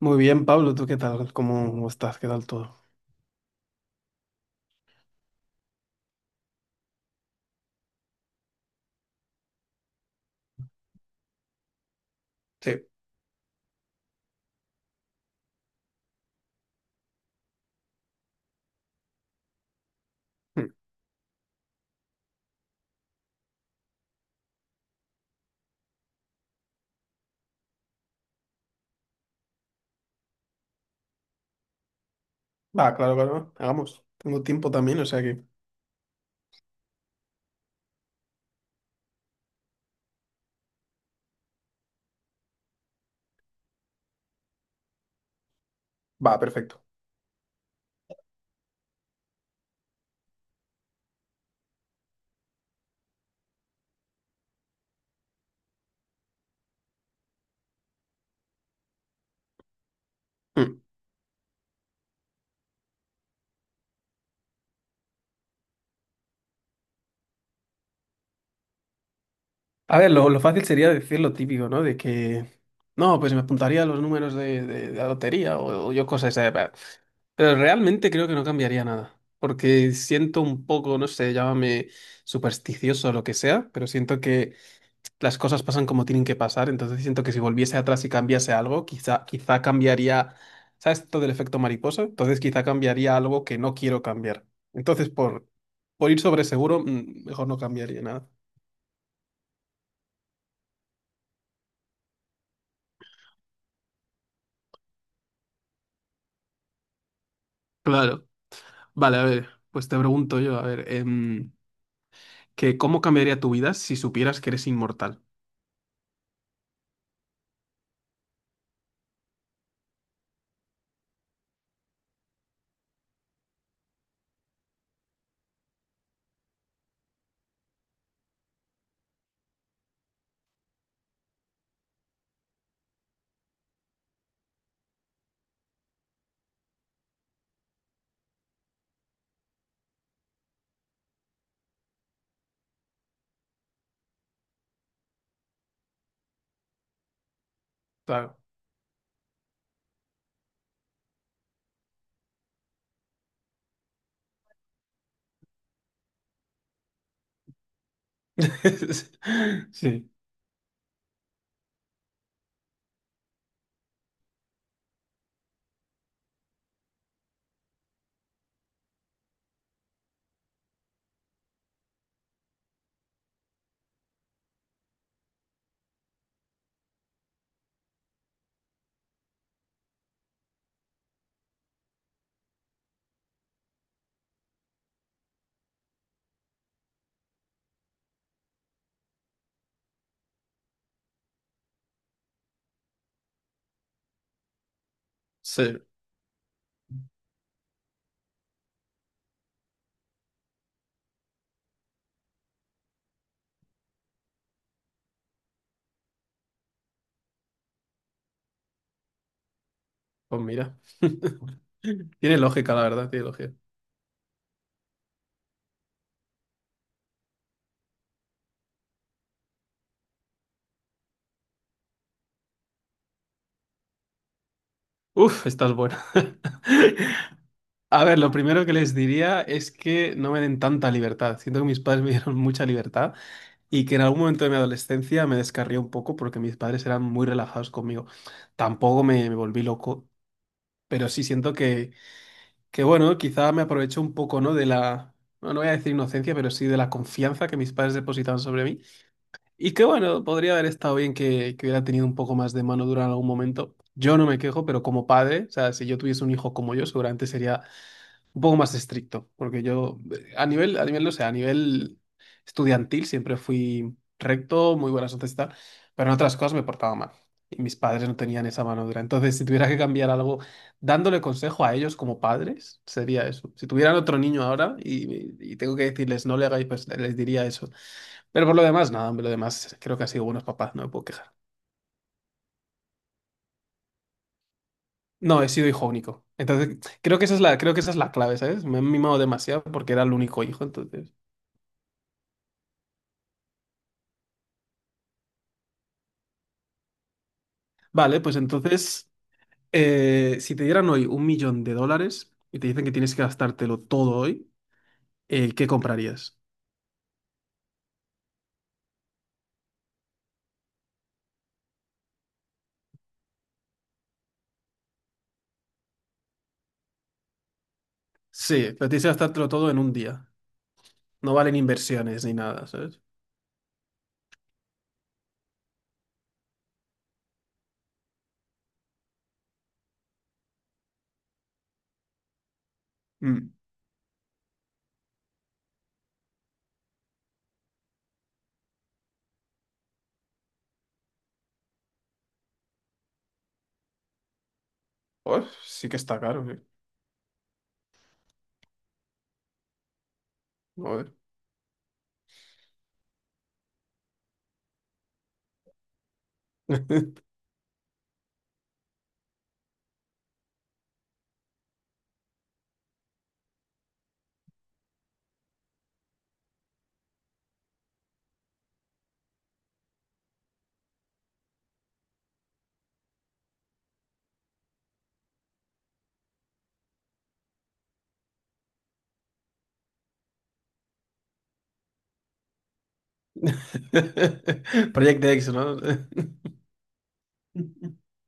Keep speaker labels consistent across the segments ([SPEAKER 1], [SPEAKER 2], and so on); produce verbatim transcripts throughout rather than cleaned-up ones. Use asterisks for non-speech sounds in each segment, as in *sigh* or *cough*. [SPEAKER 1] Muy bien, Pablo, ¿tú qué tal? ¿Cómo cómo estás? ¿Qué tal todo? Sí. Mm. Va, claro, claro. Hagamos. Tengo tiempo también, o sea que... Va, perfecto. Mm. A ver, lo, lo fácil sería decir lo típico, ¿no? De que... No, pues me apuntaría a los números de, de- de la lotería o, o yo cosas... de bah". Pero realmente creo que no cambiaría nada, porque siento un poco, no sé, llámame supersticioso o lo que sea, pero siento que... las cosas pasan como tienen que pasar, entonces siento que si volviese atrás y cambiase algo, quizá, quizá cambiaría, ¿sabes todo el efecto mariposa? Entonces quizá cambiaría algo que no quiero cambiar. Entonces por, por ir sobre seguro, mm, mejor no cambiaría nada. Claro. Vale, a ver, pues te pregunto yo, a ver, em, que ¿cómo cambiaría tu vida si supieras que eres inmortal? Claro. *laughs* sí. Sí. Pues mira. *laughs* Tiene lógica, la verdad, tiene lógica. Uf, estás buena. *laughs* A ver, lo primero que les diría es que no me den tanta libertad. Siento que mis padres me dieron mucha libertad y que en algún momento de mi adolescencia me descarrié un poco porque mis padres eran muy relajados conmigo. Tampoco me, me volví loco, pero sí siento que, que, bueno, quizá me aprovecho un poco, ¿no? De la, no, no voy a decir inocencia, pero sí de la confianza que mis padres depositaban sobre mí. Y que, bueno, podría haber estado bien que, que hubiera tenido un poco más de mano dura en algún momento. Yo no me quejo, pero como padre, o sea, si yo tuviese un hijo como yo, seguramente sería un poco más estricto, porque yo eh, a nivel, a nivel, no sé, a nivel estudiantil siempre fui recto, muy buenas notas y tal, pero en otras cosas me portaba mal. Y mis padres no tenían esa mano dura. Entonces, si tuviera que cambiar algo, dándole consejo a ellos como padres, sería eso. Si tuvieran otro niño ahora y, y tengo que decirles no le hagáis, pues les diría eso. Pero por lo demás, nada, hombre, lo demás creo que han sido buenos papás, no me puedo quejar. No, he sido hijo único. Entonces, creo que esa es la, creo que esa es la clave, ¿sabes? Me han mimado demasiado porque era el único hijo, entonces. Vale, pues entonces, eh, si te dieran hoy un millón de dólares y te dicen que tienes que gastártelo todo hoy, eh, ¿qué comprarías? Sí, pero tienes que gastártelo todo en un día. No valen inversiones ni nada, ¿sabes? Mm. Pues sí que está caro, sí. Joder. *laughs* Project X, ¿no? *laughs*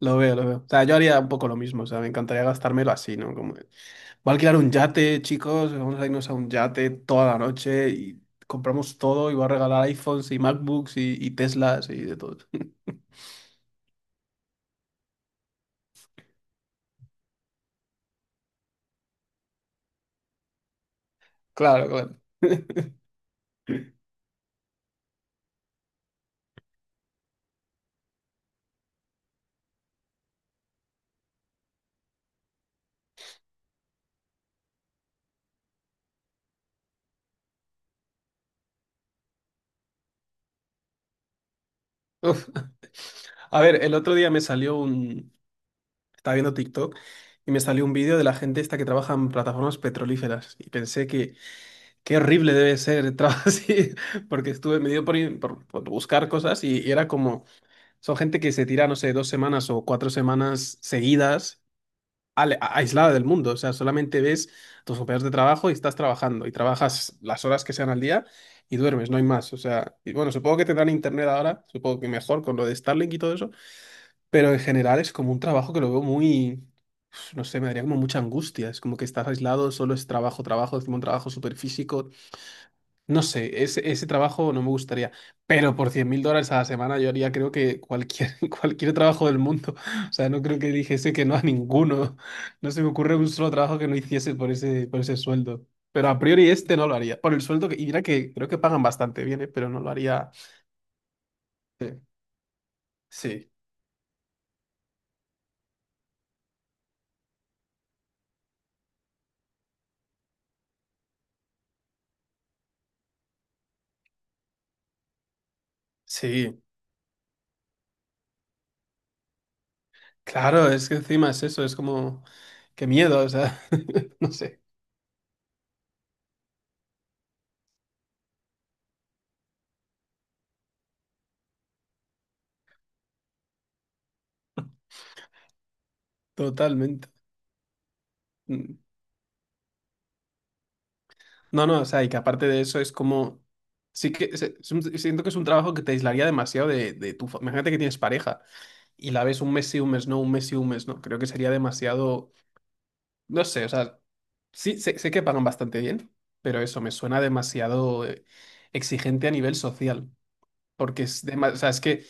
[SPEAKER 1] Lo veo, lo veo. O sea, yo haría un poco lo mismo. O sea, me encantaría gastármelo así, ¿no? Como... Voy a alquilar un yate, chicos. Vamos a irnos a un yate toda la noche y compramos todo y voy a regalar iPhones y MacBooks y, y Teslas y de todo. *laughs* Claro, claro. *laughs* Uf. A ver, el otro día me salió un... Estaba viendo TikTok y me salió un vídeo de la gente esta que trabaja en plataformas petrolíferas y pensé que qué horrible debe ser trabajar *laughs* así, porque estuve medio por, ir- por- por buscar cosas y, y era como, son gente que se tira, no sé, dos semanas o cuatro semanas seguidas ale- a- aislada del mundo. O sea, solamente ves a tus compañeros de trabajo y estás trabajando y trabajas las horas que sean al día y duermes, no hay más. O sea, y bueno, supongo que tendrán internet ahora, supongo que mejor con lo de Starlink y todo eso, pero en general es como un trabajo que lo veo muy, no sé, me daría como mucha angustia. Es como que estás aislado, solo es trabajo, trabajo, encima un trabajo súper físico. No sé, ese, ese trabajo no me gustaría. Pero por cien mil dólares a la semana yo haría creo que cualquier, *laughs* cualquier trabajo del mundo. O sea, no creo que dijese que no a ninguno. No se me ocurre un solo trabajo que no hiciese por ese, por ese sueldo. Pero a priori este no lo haría. Por el sueldo que... Y mira que creo que pagan bastante bien, ¿eh? Pero no lo haría. Sí, sí, sí. Claro, es que encima es eso, es como... Qué miedo, o sea, *laughs* no sé, totalmente. Mm. No, no, o sea, y que aparte de eso es como, sí que es- es un- siento que es un trabajo que te aislaría demasiado de, de tu... fa- Imagínate que tienes pareja y la ves un mes sí, un mes no, un mes sí, un mes no. Creo que sería demasiado, no sé, o sea, sí, sé, sé que pagan bastante bien, pero eso me suena demasiado eh, exigente a nivel social, porque es, dema- o sea, es que...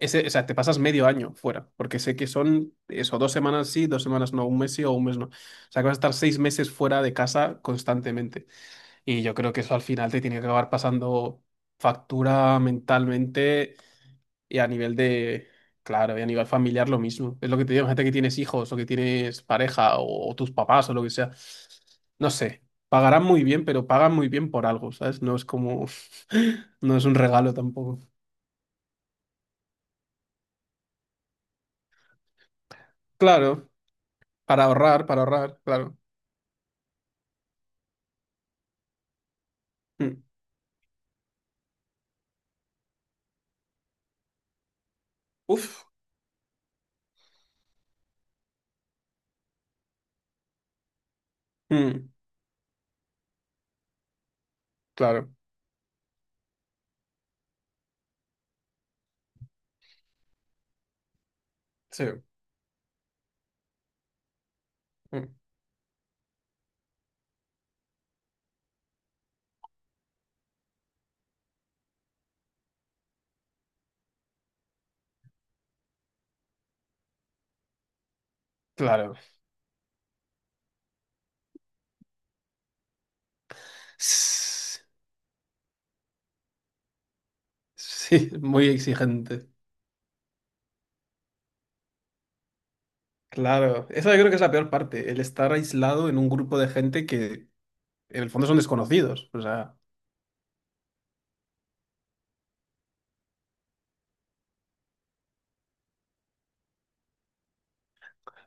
[SPEAKER 1] Ese, o sea, te pasas medio año fuera, porque sé que son eso, dos semanas sí, dos semanas no, un mes sí o un mes no. O sea, que vas a estar seis meses fuera de casa constantemente. Y yo creo que eso al final te tiene que acabar pasando factura mentalmente y a nivel de, claro, y a nivel familiar lo mismo. Es lo que te digo, gente que tienes hijos o que tienes pareja o, o tus papás o lo que sea. No sé, pagarán muy bien, pero pagan muy bien por algo, ¿sabes? No es como, *laughs* no es un regalo tampoco. Claro, para ahorrar, para ahorrar, claro. Mm. Uf, mm, claro, sí, mm, claro. *laughs* Sí, muy exigente. Claro, esa yo creo que es la peor parte, el estar aislado en un grupo de gente que en el fondo son desconocidos. O sea,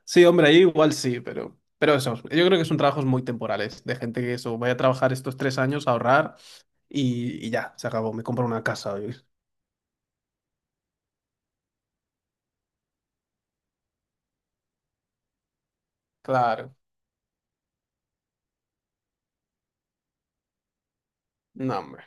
[SPEAKER 1] sí, hombre, ahí igual sí, pero, pero eso, yo creo que son trabajos muy temporales, de gente que eso, voy a trabajar estos tres años, ahorrar y, y ya, se acabó, me compro una casa. Oye. Claro, no, hombre.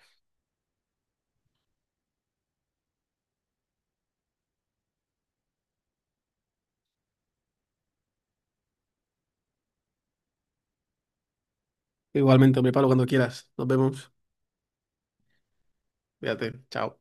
[SPEAKER 1] Igualmente, hombre, Pablo, cuando quieras, nos vemos. Fíjate, chao.